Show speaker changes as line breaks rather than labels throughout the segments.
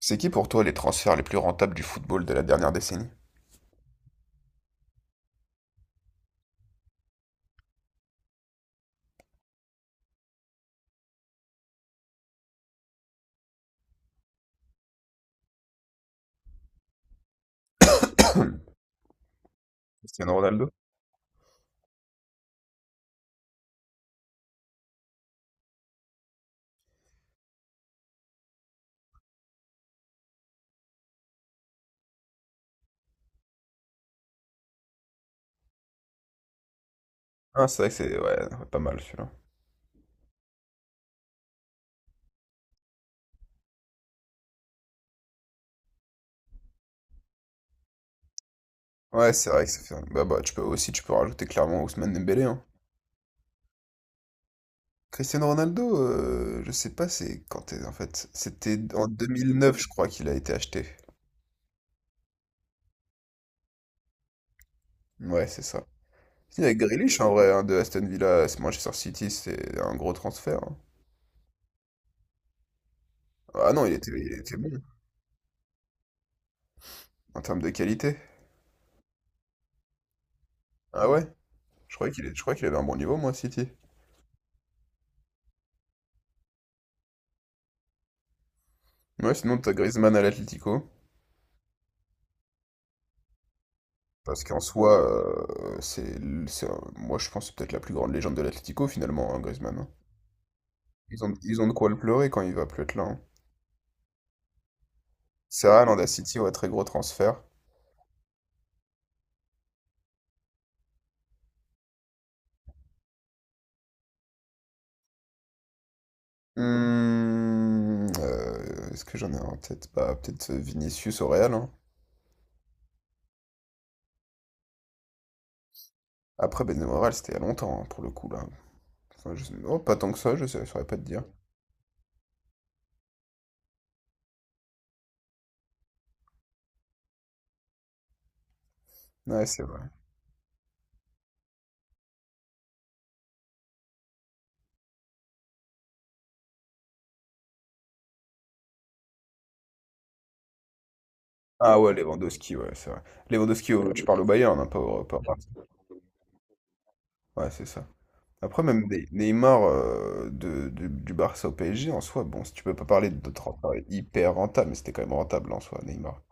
C'est qui pour toi les transferts les plus rentables du football de la dernière décennie? Cristiano Ronaldo? Ah, c'est vrai que c'est ouais, ouais, pas mal celui-là. Ouais, c'est vrai que ça fait. Bah, bah, tu peux aussi tu peux rajouter clairement Ousmane Dembélé, hein. Cristiano Ronaldo, je sais pas c'est quand en fait. C'était en 2009 je crois, qu'il a été acheté. Ouais, c'est ça. Il y a Grealish, en vrai, hein, de Aston Villa à Manchester City, c'est un gros transfert, hein. Ah non, il était bon, en termes de qualité. Ah ouais? Je croyais qu'il avait un bon niveau, moi, à City. Ouais, sinon, t'as Griezmann à l'Atlético. Parce qu'en soi, euh, c'est, c'est- moi je pense que c'est peut-être la plus grande légende de l'Atlético finalement, hein, Griezmann, hein. Ils ont de quoi le pleurer quand il va plus être là, hein. C'est vrai, Landa City, ouais, très gros transfert. Est-ce que j'en ai un en tête? Bah, peut-être Vinicius au Real, hein. Après, Benzema au Real, c'était il y a longtemps, hein, pour le coup, là. Enfin, oh, pas tant que ça, je saurais pas te dire. Ouais, c'est vrai. Ah ouais, Lewandowski, ouais, c'est vrai. Lewandowski, tu parles au Bayern, hein, pas au Barça. Ouais, c'est ça. Après, même des Neymar du Barça au PSG, en soi, bon, si tu peux pas parler de transfert hyper rentable, mais c'était quand même rentable en soi, Neymar.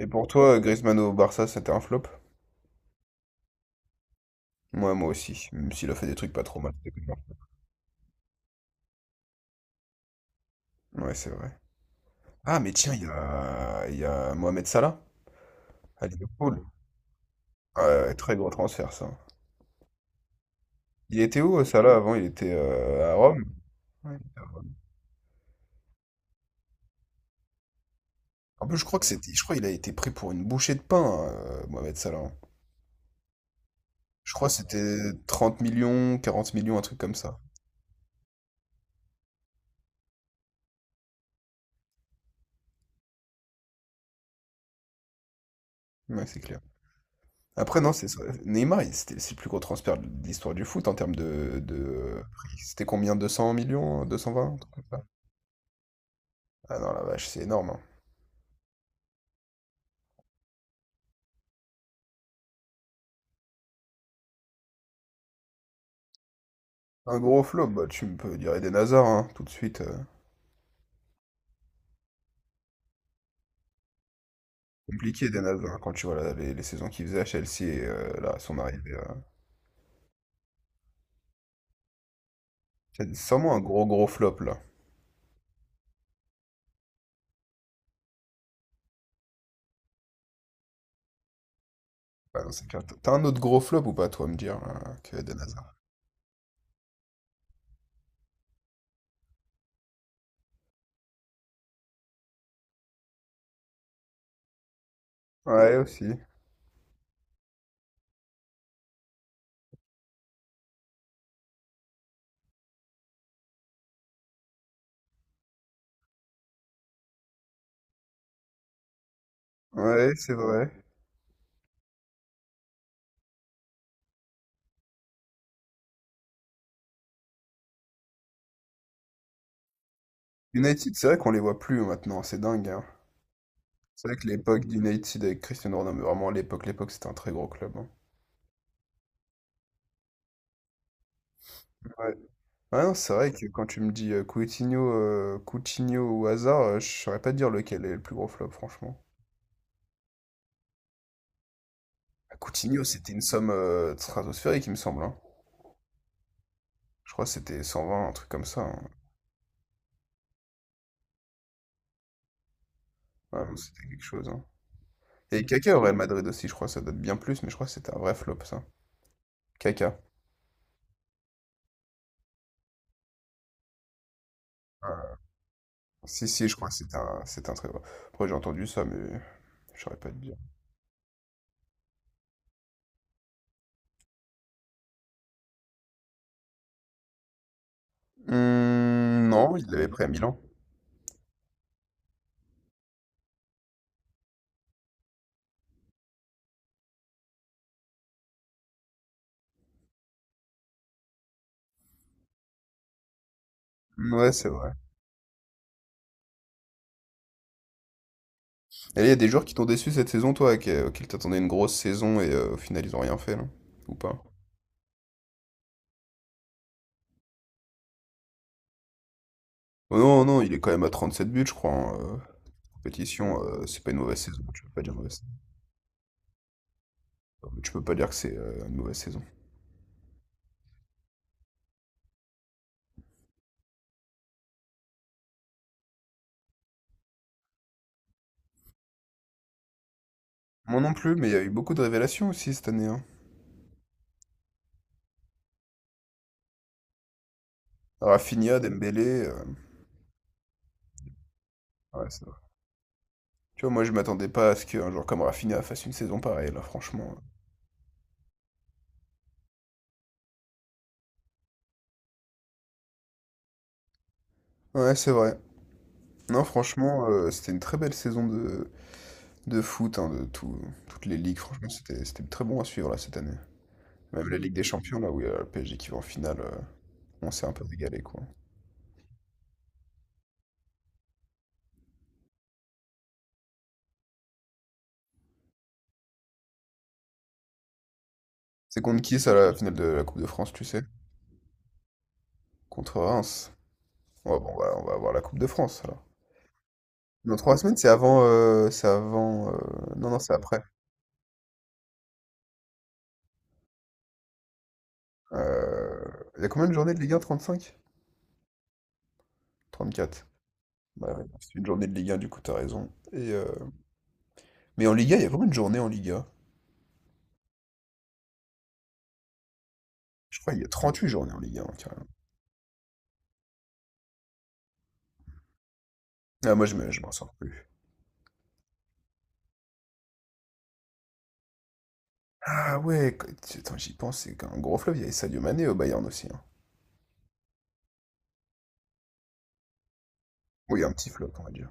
Et pour toi, Griezmann au Barça, c'était un flop? Moi aussi, même s'il a fait des trucs pas trop mal, c'était quand même un flop. Ouais, c'est vrai. Ah, mais tiens, il y a Mohamed Salah à Liverpool. Ouais, très gros transfert, ça. Il était où, Salah, avant? Il était à Rome? Ouais. En plus, je crois qu'il a été pris pour une bouchée de pain, Mohamed Salah. Je crois que c'était 30 millions, 40 millions, un truc comme ça. Ouais, c'est clair. Après, non, c'est Neymar, c'est le plus gros transfert de l'histoire du foot en termes de prix. C'était combien? 200 millions? 220? Un truc comme ça. Ah non, la vache, c'est énorme, hein. Un gros flop, bah, tu me peux dire Eden Hazard, hein, tout de suite. Compliqué Eden Hazard, hein, quand tu vois là, les saisons qu'il faisait à Chelsea et là, son arrivée. C'est sûrement un gros gros flop là. Ah non, c'est clair. T'as un autre gros flop ou pas, toi, à me dire, là, que Eden Hazard? Ouais, aussi. Ouais, c'est vrai. United, c'est vrai qu'on les voit plus hein, maintenant, c'est dingue, hein. C'est vrai que l'époque d'United avec Cristiano Ronaldo, mais vraiment l'époque c'était un très gros club, hein. Ouais. Ouais, non, c'est vrai que quand tu me dis Coutinho ou Hazard, je saurais pas te dire lequel est le plus gros flop, franchement. Ah, Coutinho, c'était une somme stratosphérique, il me semble, hein. Je crois que c'était 120, un truc comme ça, hein. Ouais, non, c'était quelque chose, hein. Et Kaka au Real Madrid aussi, je crois, ça date bien plus, mais je crois que c'était un vrai flop, ça. Kaka. Ah, si, si, je crois que c'est un très gros. Après, j'ai entendu ça, mais je saurais pas te dire. Non, il l'avait pris à Milan. Ouais, c'est vrai. Et il y a des joueurs qui t'ont déçu cette saison, toi, auxquels t'attendais une grosse saison et au final ils ont rien fait, là. Ou pas? Oh non, non, il est quand même à 37 buts, je crois, en compétition, c'est pas une mauvaise saison. Tu peux pas dire mauvaise. Tu peux pas dire que c'est une mauvaise saison. Moi non plus, mais il y a eu beaucoup de révélations aussi cette année, hein. Rafinha, Dembélé. Ouais, c'est vrai. Tu vois, moi je m'attendais pas à ce qu'un joueur comme Rafinha fasse une saison pareille, là, franchement. Ouais, c'est vrai. Non, franchement, c'était une très belle saison de foot, hein, de toutes les ligues. Franchement, c'était très bon à suivre là cette année. Même la Ligue des Champions, là, où il y a le PSG qui va en finale, on s'est un peu régalé, quoi. C'est contre qui, ça, la finale de la Coupe de France, tu sais? Contre Reims. Ouais, bon, voilà, on va avoir la Coupe de France, alors. Dans trois semaines, c'est avant. Non, non, c'est après. Euh, Il y a combien de journées de Ligue 1? 35? 34. Ouais, ouais, c'est une journée de Ligue 1, du coup, t'as raison. Mais en Liga, il y a combien de journées en Liga? Je crois qu'il y a 38 journées en Liga, hein, carrément. Ah, moi, je m'en sors plus. Ah ouais, attends, j'y pense, c'est qu'un gros fleuve, il y avait Sadio Mané au Bayern aussi, hein. Oui, un petit flop, on va dire.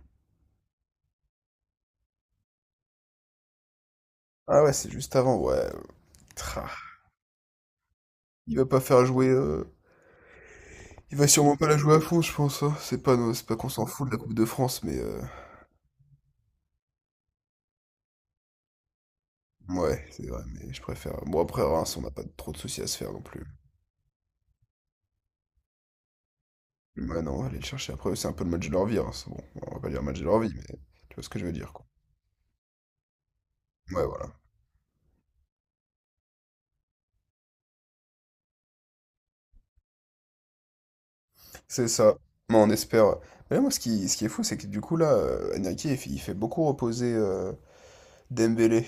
Ah ouais, c'est juste avant, ouais. Tra. Il va pas faire jouer. Il va sûrement pas la jouer à fond, je pense, hein. C'est pas qu'on s'en fout de la Coupe de France, mais. Ouais, c'est vrai, mais je préfère. Bon, après, Reims, on n'a pas trop de soucis à se faire non plus. Ouais, non, on va aller le chercher après. C'est un peu le match de leur vie, hein. c'est Bon, on va pas dire le match de leur vie, mais tu vois ce que je veux dire, quoi. Ouais, voilà. C'est ça. Mais on espère. Mais là, moi, ce qui est fou, c'est que du coup, là, Enrique, il fait, beaucoup reposer Dembélé.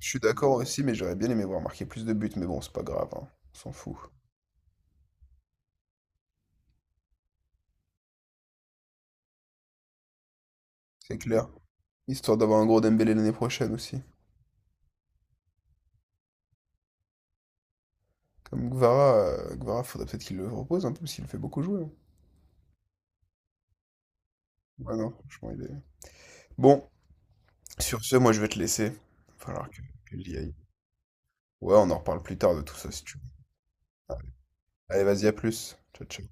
Je suis d'accord aussi, mais j'aurais bien aimé voir marquer plus de buts, mais bon, c'est pas grave, hein. On s'en fout. C'est clair. Histoire d'avoir un gros Dembélé l'année prochaine aussi. Comme Gvara, Guevara, faudrait peut-être qu'il le repose un peu, parce qu'il le fait beaucoup jouer, hein. Ouais, non, franchement, il est. Bon, sur ce, moi, je vais te laisser. Va falloir que j'y aille. Ouais, on en reparle plus tard de tout ça, si tu veux. Allez, vas-y, à plus. Ciao, ciao.